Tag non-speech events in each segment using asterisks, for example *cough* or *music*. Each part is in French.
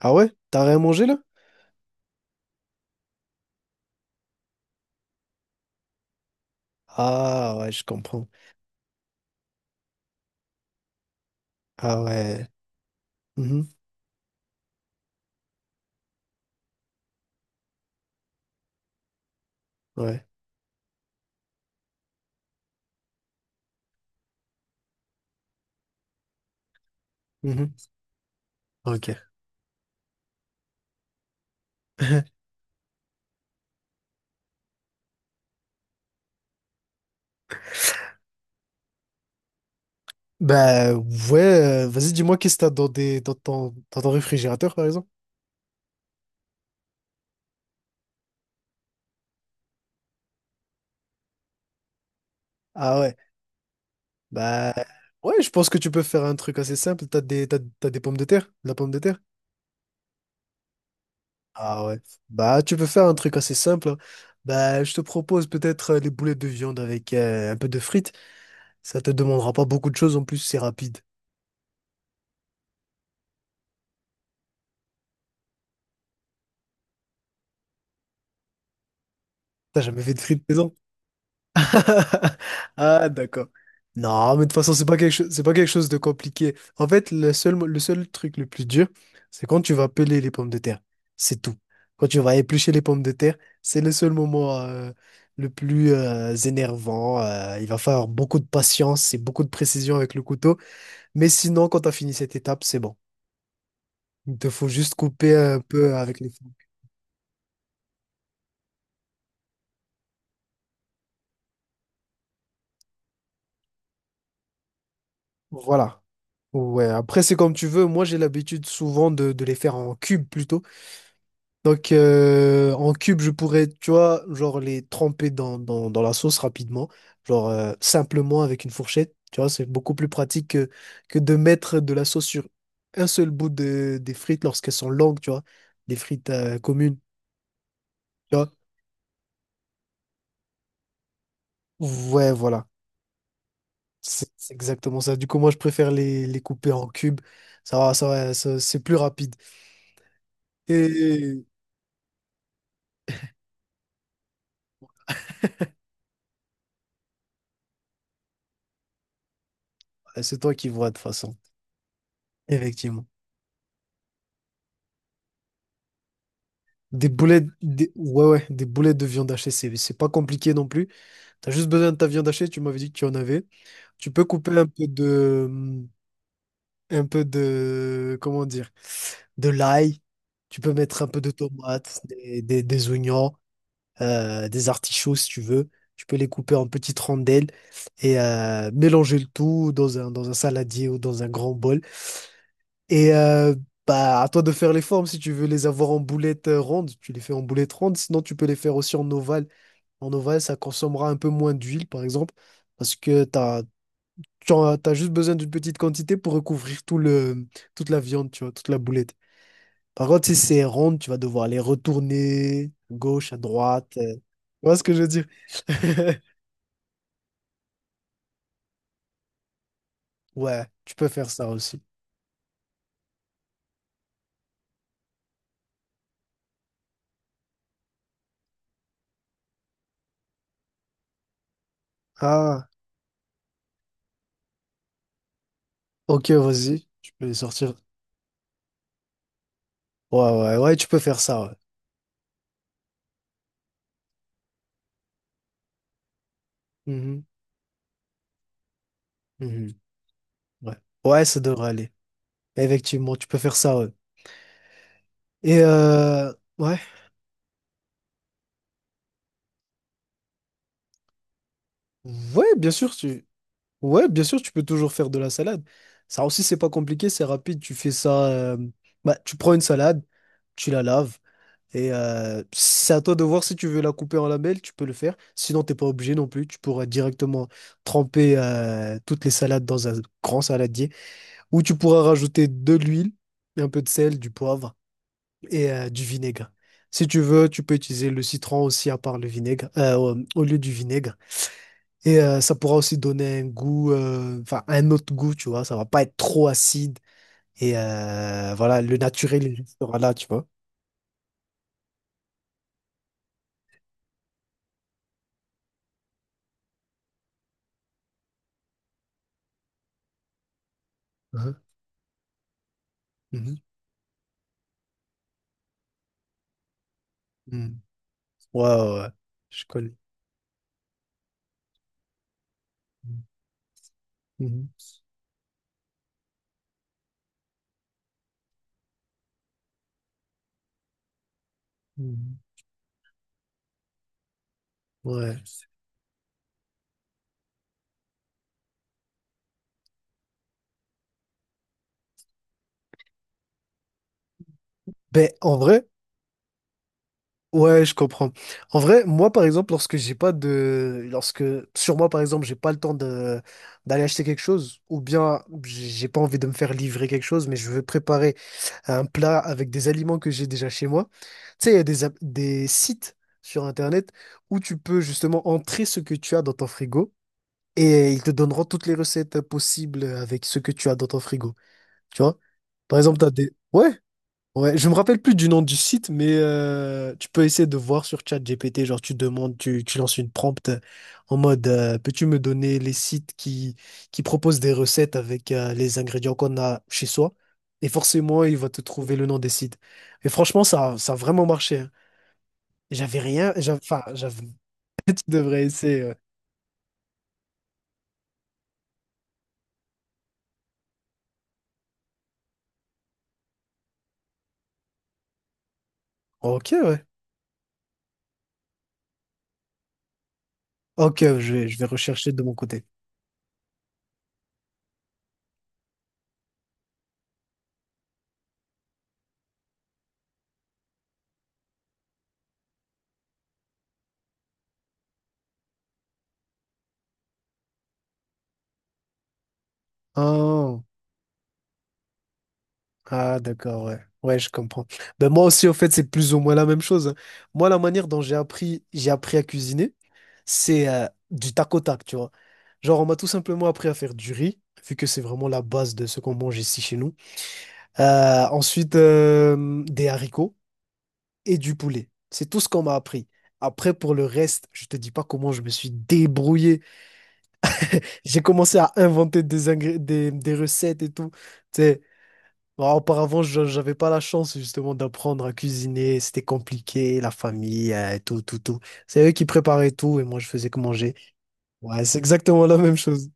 Ah ouais? T'as rien mangé là? Ah ouais, je comprends. Ah ouais. Mhm, ouais. Mhm, ok. *laughs* Bah ouais, vas-y, dis-moi qu'est-ce que t'as dans ton réfrigérateur par exemple? Ah ouais. Bah ouais, je pense que tu peux faire un truc assez simple. T'as des pommes de terre? De la pomme de terre? Ah ouais. Bah tu peux faire un truc assez simple, hein. Bah je te propose peut-être les boulettes de viande avec un peu de frites. Ça te demandera pas beaucoup de choses en plus, c'est rapide. T'as jamais fait de frites? *laughs* Ah, d'accord. Non, mais de toute façon, c'est pas quelque chose, c'est pas quelque chose de compliqué. En fait, le seul truc le plus dur, c'est quand tu vas peler les pommes de terre. C'est tout. Quand tu vas éplucher les pommes de terre, c'est le seul moment le plus énervant. Il va falloir beaucoup de patience et beaucoup de précision avec le couteau. Mais sinon, quand tu as fini cette étape, c'est bon. Il te faut juste couper un peu avec les fils. Voilà. Ouais, après, c'est comme tu veux. Moi, j'ai l'habitude souvent de les faire en cubes plutôt. Donc, en cube, je pourrais, tu vois, genre les tremper dans la sauce rapidement, genre simplement avec une fourchette, tu vois, c'est beaucoup plus pratique que de mettre de la sauce sur un seul bout des frites lorsqu'elles sont longues, tu vois, des frites communes, tu vois. Ouais, voilà, c'est exactement ça. Du coup, moi, je préfère les couper en cubes, ça va, c'est plus rapide. Et ouais, c'est toi qui vois de toute façon, effectivement. Des boulettes, ouais, ouais, des boulettes de viande hachée, c'est pas compliqué non plus. T'as juste besoin de ta viande hachée, tu m'avais dit que tu en avais. Tu peux couper un peu de, comment dire, de l'ail. Tu peux mettre un peu de tomates, des oignons, des artichauts si tu veux. Tu peux les couper en petites rondelles et mélanger le tout dans un saladier ou dans un grand bol. Et bah, à toi de faire les formes. Si tu veux les avoir en boulettes rondes, tu les fais en boulettes rondes. Sinon, tu peux les faire aussi en ovale. En ovale, ça consommera un peu moins d'huile, par exemple, parce que t'as, tu en as, t'as juste besoin d'une petite quantité pour recouvrir toute la viande, tu vois, toute la boulette. Par contre, si c'est ronde, tu vas devoir les retourner à gauche, à droite. Tu vois ce que je veux dire? *laughs* Ouais, tu peux faire ça aussi. Ah, ok, vas-y. Tu peux les sortir. Ouais, ouais, ouais, tu peux faire ça, ouais. Mhm, mhm. Ouais. Ouais, ça devrait aller. Effectivement, tu peux faire ça, ouais. Et ouais. Ouais, bien sûr, tu. Ouais, bien sûr, tu peux toujours faire de la salade. Ça aussi, c'est pas compliqué, c'est rapide. Tu fais ça. Bah, tu prends une salade, tu la laves. Et c'est à toi de voir si tu veux la couper en lamelles, tu peux le faire. Sinon, t'es pas obligé non plus. Tu pourras directement tremper toutes les salades dans un grand saladier. Ou tu pourras rajouter de l'huile, un peu de sel, du poivre, et du vinaigre. Si tu veux, tu peux utiliser le citron aussi à part le vinaigre, au lieu du vinaigre. Et ça pourra aussi donner un goût, enfin un autre goût, tu vois. Ça va pas être trop acide. Et voilà, le naturel il sera là, tu vois. Mhm. Mhm. Mhm. Ouais, ouais, ouais. Je connais. Mhm. Mhm. Mhm. Ouais. Ben, en vrai. Ouais, je comprends. En vrai, moi, par exemple, lorsque j'ai pas de, lorsque sur moi, par exemple, j'ai pas le temps de d'aller acheter quelque chose, ou bien j'ai pas envie de me faire livrer quelque chose, mais je veux préparer un plat avec des aliments que j'ai déjà chez moi. Tu sais, il y a des sites sur Internet où tu peux justement entrer ce que tu as dans ton frigo et ils te donneront toutes les recettes possibles avec ce que tu as dans ton frigo. Tu vois? Par exemple, ouais. Ouais, je me rappelle plus du nom du site, mais tu peux essayer de voir sur ChatGPT, genre tu demandes, tu lances une prompt en mode peux-tu me donner les sites qui proposent des recettes avec les ingrédients qu'on a chez soi? Et forcément, il va te trouver le nom des sites. Et franchement, ça a vraiment marché, hein. J'avais rien, j'avais, enfin, j'avais, *laughs* tu devrais essayer, ouais. Ok, ouais. Ok, je vais rechercher de mon côté. Ah. Ah, d'accord, ouais. Ouais, je comprends. Ben moi aussi, au fait, c'est plus ou moins la même chose, hein. Moi, la manière dont j'ai appris à cuisiner, c'est du tac au tac, tu vois. Genre, on m'a tout simplement appris à faire du riz, vu que c'est vraiment la base de ce qu'on mange ici chez nous. Ensuite, des haricots et du poulet. C'est tout ce qu'on m'a appris. Après, pour le reste, je te dis pas comment je me suis débrouillé. J'ai commencé à inventer des recettes et tout. Tu sais, bon, auparavant, j'avais pas la chance justement d'apprendre à cuisiner. C'était compliqué, la famille, tout, tout, tout. C'est eux qui préparaient tout et moi, je faisais que manger. Ouais, c'est exactement la même chose.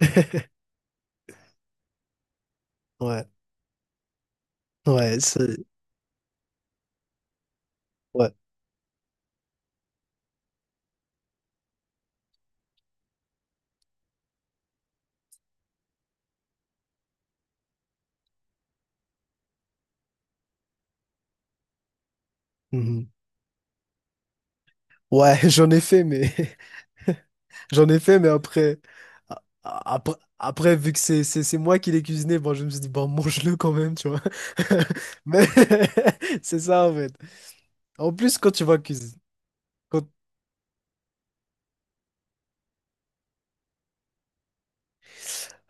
*laughs* Ouais, ouais, ouais. Mhm. Ouais, *laughs* j'en ai fait, mais, *laughs* j'en ai fait, mais après, après, vu que c'est moi qui l'ai cuisiné, bon, je me suis dit, bon, mange-le quand même, tu vois. *laughs* Mais *laughs* c'est ça, en fait. En plus, quand tu vois cuisiner. quand-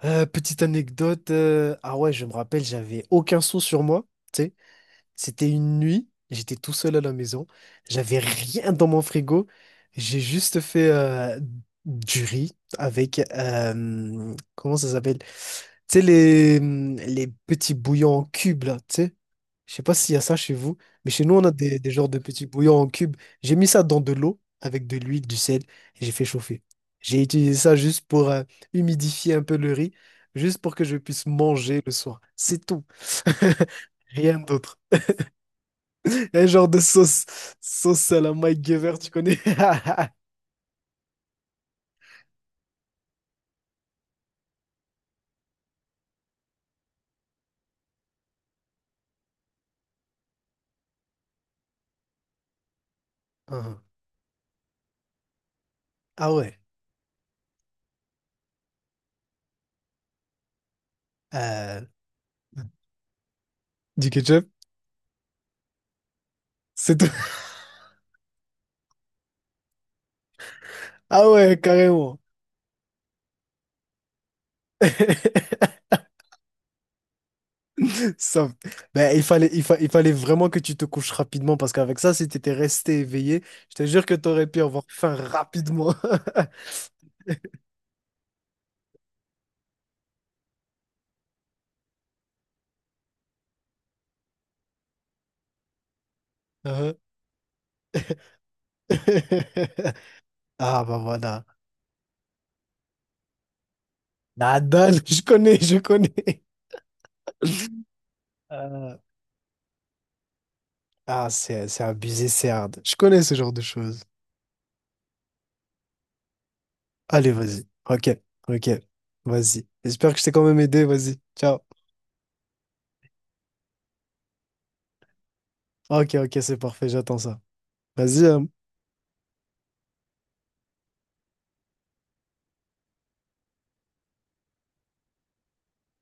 Petite anecdote, ah ouais, je me rappelle, j'avais aucun sou sur moi. C'était une nuit, j'étais tout seul à la maison, j'avais rien dans mon frigo, j'ai juste fait du riz avec, comment ça s'appelle? Tu sais, les petits bouillons en cubes, là, tu sais. Je sais pas s'il y a ça chez vous, mais chez nous, on a des genres de petits bouillons en cubes. J'ai mis ça dans de l'eau avec de l'huile, du sel, et j'ai fait chauffer. J'ai utilisé ça juste pour humidifier un peu le riz, juste pour que je puisse manger le soir. C'est tout. *laughs* Rien d'autre. Un genre de sauce, sauce à la Mike Gever, tu connais? *laughs* Ah, ah, ouais, euh, du ketchup, c'est tout. *laughs* Ah ouais, carrément. *laughs* Ça- ben, il fallait vraiment que tu te couches rapidement parce qu'avec ça, si t'étais resté éveillé, je te jure que t'aurais pu avoir faim rapidement. *laughs* Hein. *laughs* Ah bah voilà. Nadal, *laughs* je connais, je connais. Euh, ah, c'est abusé, c'est hard. Je connais ce genre de choses. Allez, vas-y. Ok, ok, vas-y. J'espère que je t'ai quand même aidé, vas-y. Ciao. Ok, ok, c'est parfait, j'attends ça. Vas-y, hein.